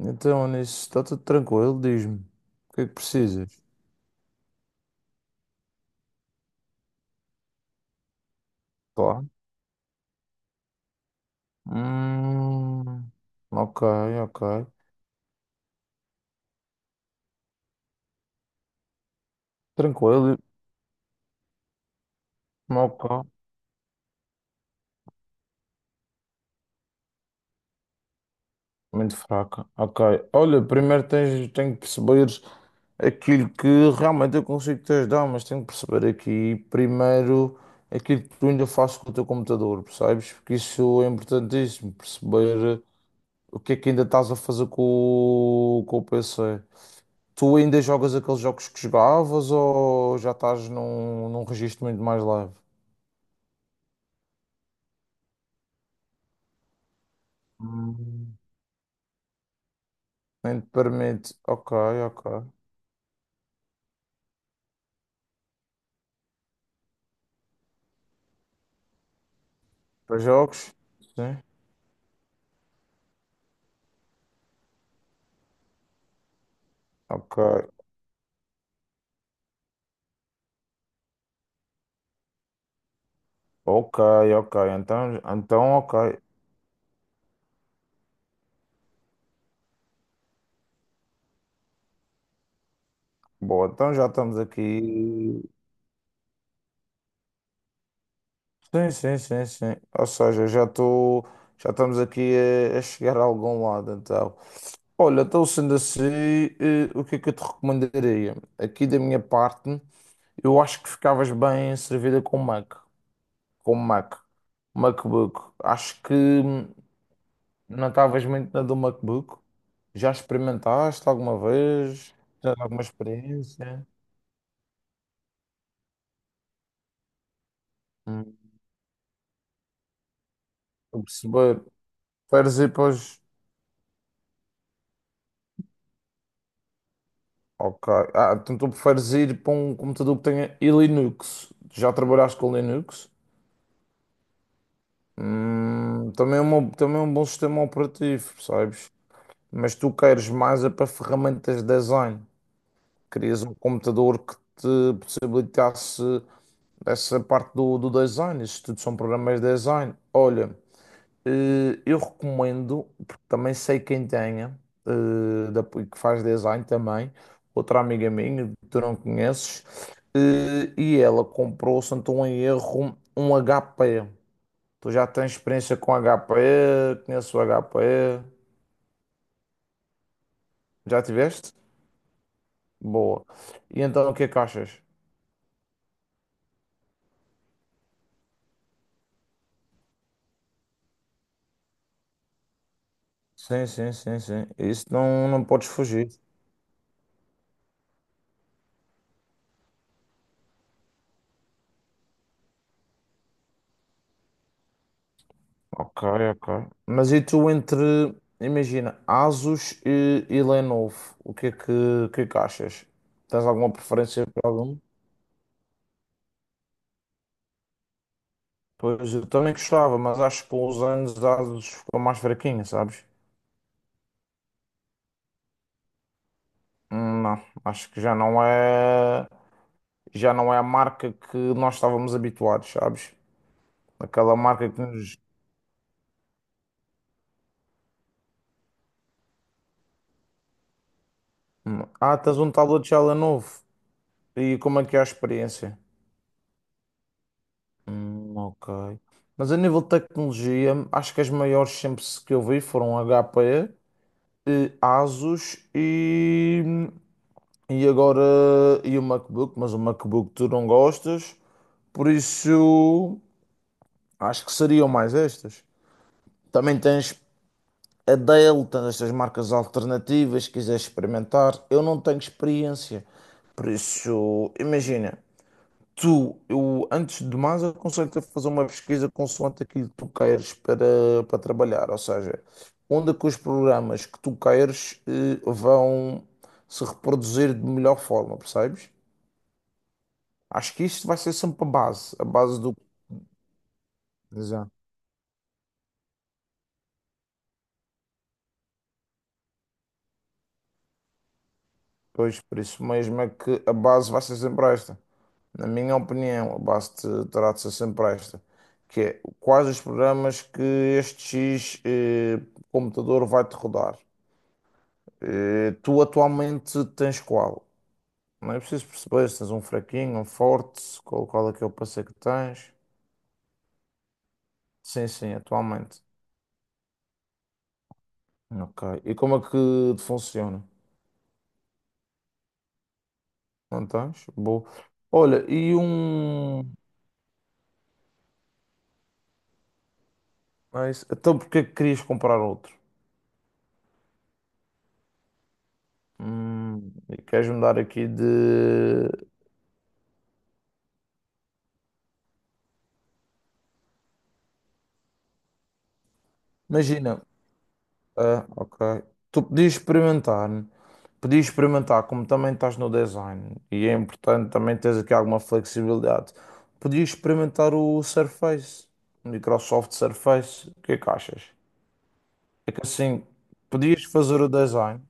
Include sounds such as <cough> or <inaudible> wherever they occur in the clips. Então, nisso está tudo tranquilo, diz-me. O que é que precisas? Pá. Hum, ok, ok. Tranquilo, ok. Muito fraca. Ok. Olha, tenho que perceber aquilo que realmente eu consigo te ajudar, mas tenho que perceber aqui primeiro aquilo que tu ainda fazes com o teu computador, percebes? Porque isso é importantíssimo, perceber o que é que ainda estás a fazer com o PC. Tu ainda jogas aqueles jogos que jogavas ou já estás num registro muito mais leve? Hum, Nem te permite. Ok, ok. Para jogos? Sim. Ok. Ok, ok. Então, então, ok. Boa, então já estamos aqui. Sim, sim, sim, sim. Ou seja, já estou. Já estamos aqui a chegar a algum lado, então. Olha, então sendo assim, o que é que eu te recomendaria? Aqui da minha parte. Eu acho que ficavas bem servida com Mac, com, MacBook. Acho que não estavas muito na do MacBook. Já experimentaste alguma vez? Tens alguma experiência? Hum. Estou a perceber. Preferes ir para os... Ok. Ah, então tu preferes ir para um computador que tenha e Linux. Já trabalhaste com Linux? Também é um bom sistema operativo, percebes? Mas tu queres mais é para ferramentas de design. Querias um computador que te possibilitasse essa parte do design, isso tudo são programas de design. Olha, eu recomendo, porque também sei quem tenha, que faz design também, outra amiga minha, que tu não conheces, e ela comprou, se não estou em erro, um HP. Tu já tens experiência com HP, conheço o HP, já tiveste? Boa. E então o que é que achas? Sim, sim, sim, sim. Isso não, não podes fugir. Ok, ok. Imagina, Asus e Lenovo, o que é que achas? Tens alguma preferência para algum? Pois eu também gostava, mas acho que com os anos a Asus ficou mais fraquinha, sabes? Não, acho que já não é a marca que nós estávamos habituados, sabes? Aquela marca que nos. Hum. Ah, tens um tablet já Lenovo. E como é que é a experiência? Ok. Mas a nível de tecnologia, acho que as maiores sempre que eu vi foram HP, Asus e agora e o MacBook, mas o MacBook tu não gostas, por isso acho que seriam mais estas. Também tens a Dell, tens estas marcas alternativas, se quiseres experimentar. Eu não tenho experiência, por isso imagina. Antes de mais, aconselho-te a fazer uma pesquisa consoante aquilo que tu queres para trabalhar, ou seja, onde é que os programas que tu queres vão se reproduzir de melhor forma, percebes? Acho que isto vai ser sempre a base do. Exato. Pois, por isso mesmo é que a base vai ser sempre esta. Na minha opinião, terá de ser sempre esta, que é quais os programas que este X computador vai-te rodar. Tu atualmente tens qual? Não é preciso perceber se tens um fraquinho, um forte, qual é que é o parceiro que tens. Sim, sim, atualmente. Ok. E como é que te funciona? Não tens? Boa. Olha, e um. É isso. Então porque é que querias comprar outro? E queres mudar aqui de. Imagina, ah, ok. Tu podias experimentar, né? Podias experimentar, como também estás no design, e é importante também teres aqui alguma flexibilidade, podias experimentar o Surface, o Microsoft Surface, o que é que achas? É que assim, podias fazer o design,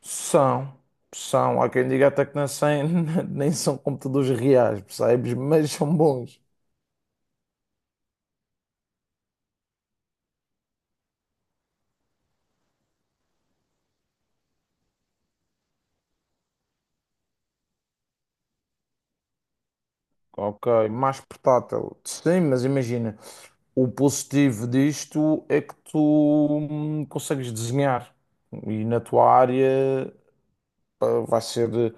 são, são, há quem diga até que nem, sem- <laughs> nem são computadores reais, percebes? Mas são bons. Ok, mais portátil. Sim, mas imagina. O positivo disto é que tu consegues desenhar e na tua área pá,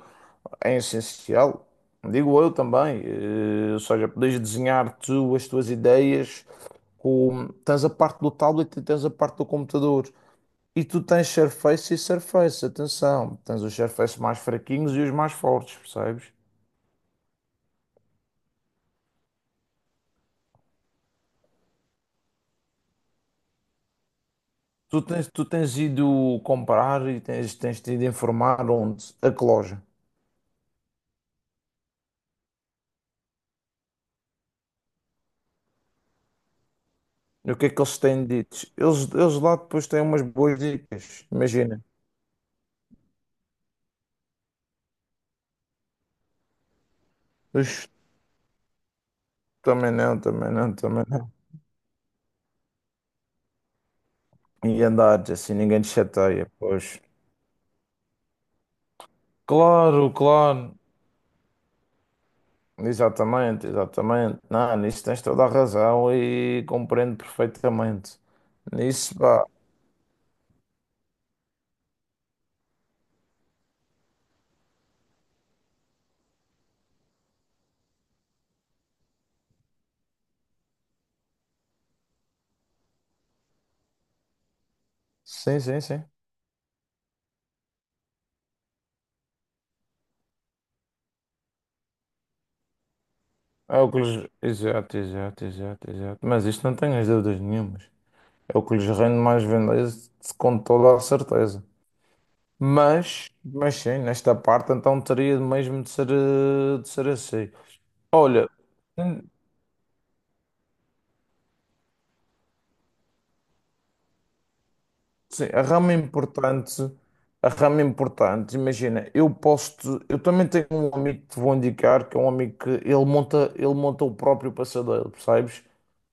é essencial. Digo eu também, ou seja, podes desenhar tu as tuas ideias com, tens a parte do tablet e tens a parte do computador. E tu tens Surface e Surface, atenção, tens os Surface mais fraquinhos e os mais fortes, percebes? Tu tens ido comprar e tens te ido informar onde? A que loja? E o que é que eles têm dito? Eles lá depois têm umas boas dicas. Imagina. Ux, também não. E andares assim, ninguém te chateia, pois. Claro, claro. Exatamente, exatamente. Não, nisso tens toda a razão e compreendo perfeitamente. Nisso, pá. Sim, sim, sim. É o que lhes... Exato, exato, exato, exato. Mas isto não tenho as dúvidas nenhumas. É o que lhes rende mais vendas com toda a certeza. Mas sim, nesta parte então teria mesmo de ser, de ser assim. Olha, hum, sim, a rama importante, imagina, eu também tenho um amigo que te vou indicar, que é um amigo que ele monta o próprio passadeiro, percebes?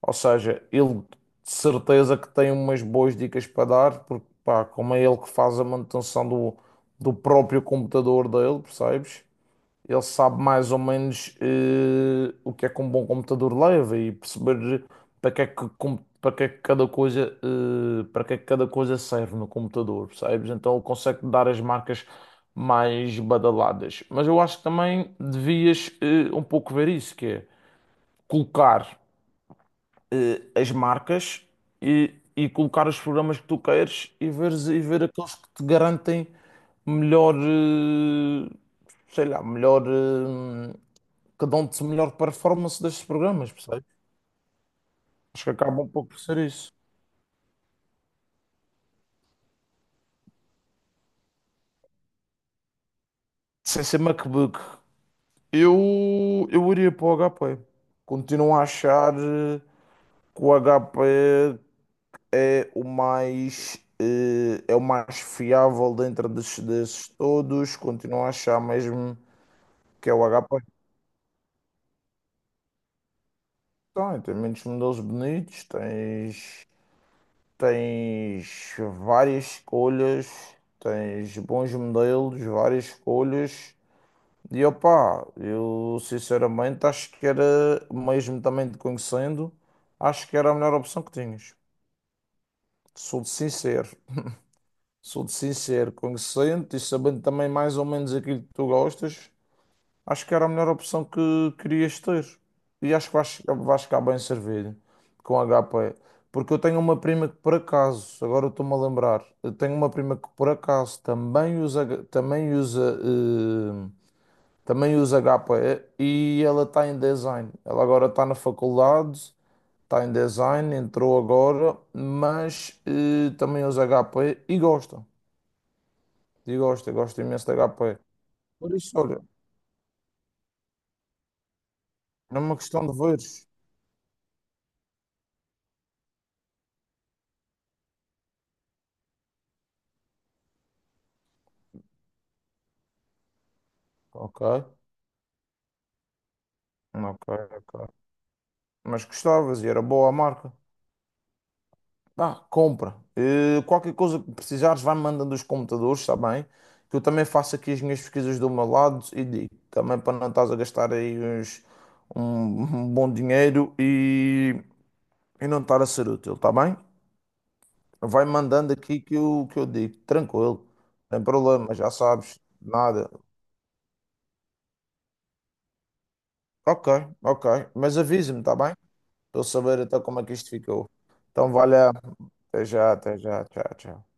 Ou seja, ele de certeza que tem umas boas dicas para dar, porque pá, como é ele que faz a manutenção do, do próprio computador dele, percebes? Ele sabe mais ou menos o que é que um bom computador leva e perceber para que é que cada coisa, para que é que cada coisa serve no computador, percebes? Então ele consegue dar as marcas mais badaladas. Mas eu acho que também devias um pouco ver isso, que é colocar as marcas e colocar os programas que tu queres e veres, e ver aqueles que te garantem melhor, eh, melhor. Que dão-te melhor performance destes programas, percebes? Acho que acabam um pouco por ser isso. Sem ser MacBook, eu iria para o HP. Continuo a achar que o HP é o mais fiável dentro desses todos. Continuo a achar mesmo que é o HP. Tem, tem muitos modelos bonitos, tens, tens várias escolhas, tens bons modelos, várias escolhas. E opá, eu sinceramente acho que era, mesmo também te conhecendo, acho que era a melhor opção que tinhas. Sou de sincero, sou de sincero, conhecendo e sabendo também mais ou menos aquilo que tu gostas, acho que era a melhor opção que querias ter. E acho que vais, vais ficar bem servido com a HP. Porque eu tenho uma prima que por acaso, agora eu estou-me a lembrar, eu tenho uma prima que por acaso também usa, também usa HP e ela está em design. Ela agora está na faculdade, está em design, entrou agora, mas também usa HP e gosta. E gosta, gosta imenso de HP. Por isso, olha, é uma questão de veres. Ok, ok, ok. Mas gostavas e era boa a marca. Pá, compra. Qualquer coisa que precisares, vai-me mandando os computadores, está bem? Que eu também faço aqui as minhas pesquisas do meu lado e digo, também para não estás a gastar aí um, <laughs> um bom dinheiro e não estar a ser útil, está bem? Vai mandando aqui que eu digo, tranquilo, sem problema, já sabes, nada. Ok, ok, mas avisa-me, está bem? Para eu saber até como é que isto ficou. Então, valeu, até já, tchau, tchau.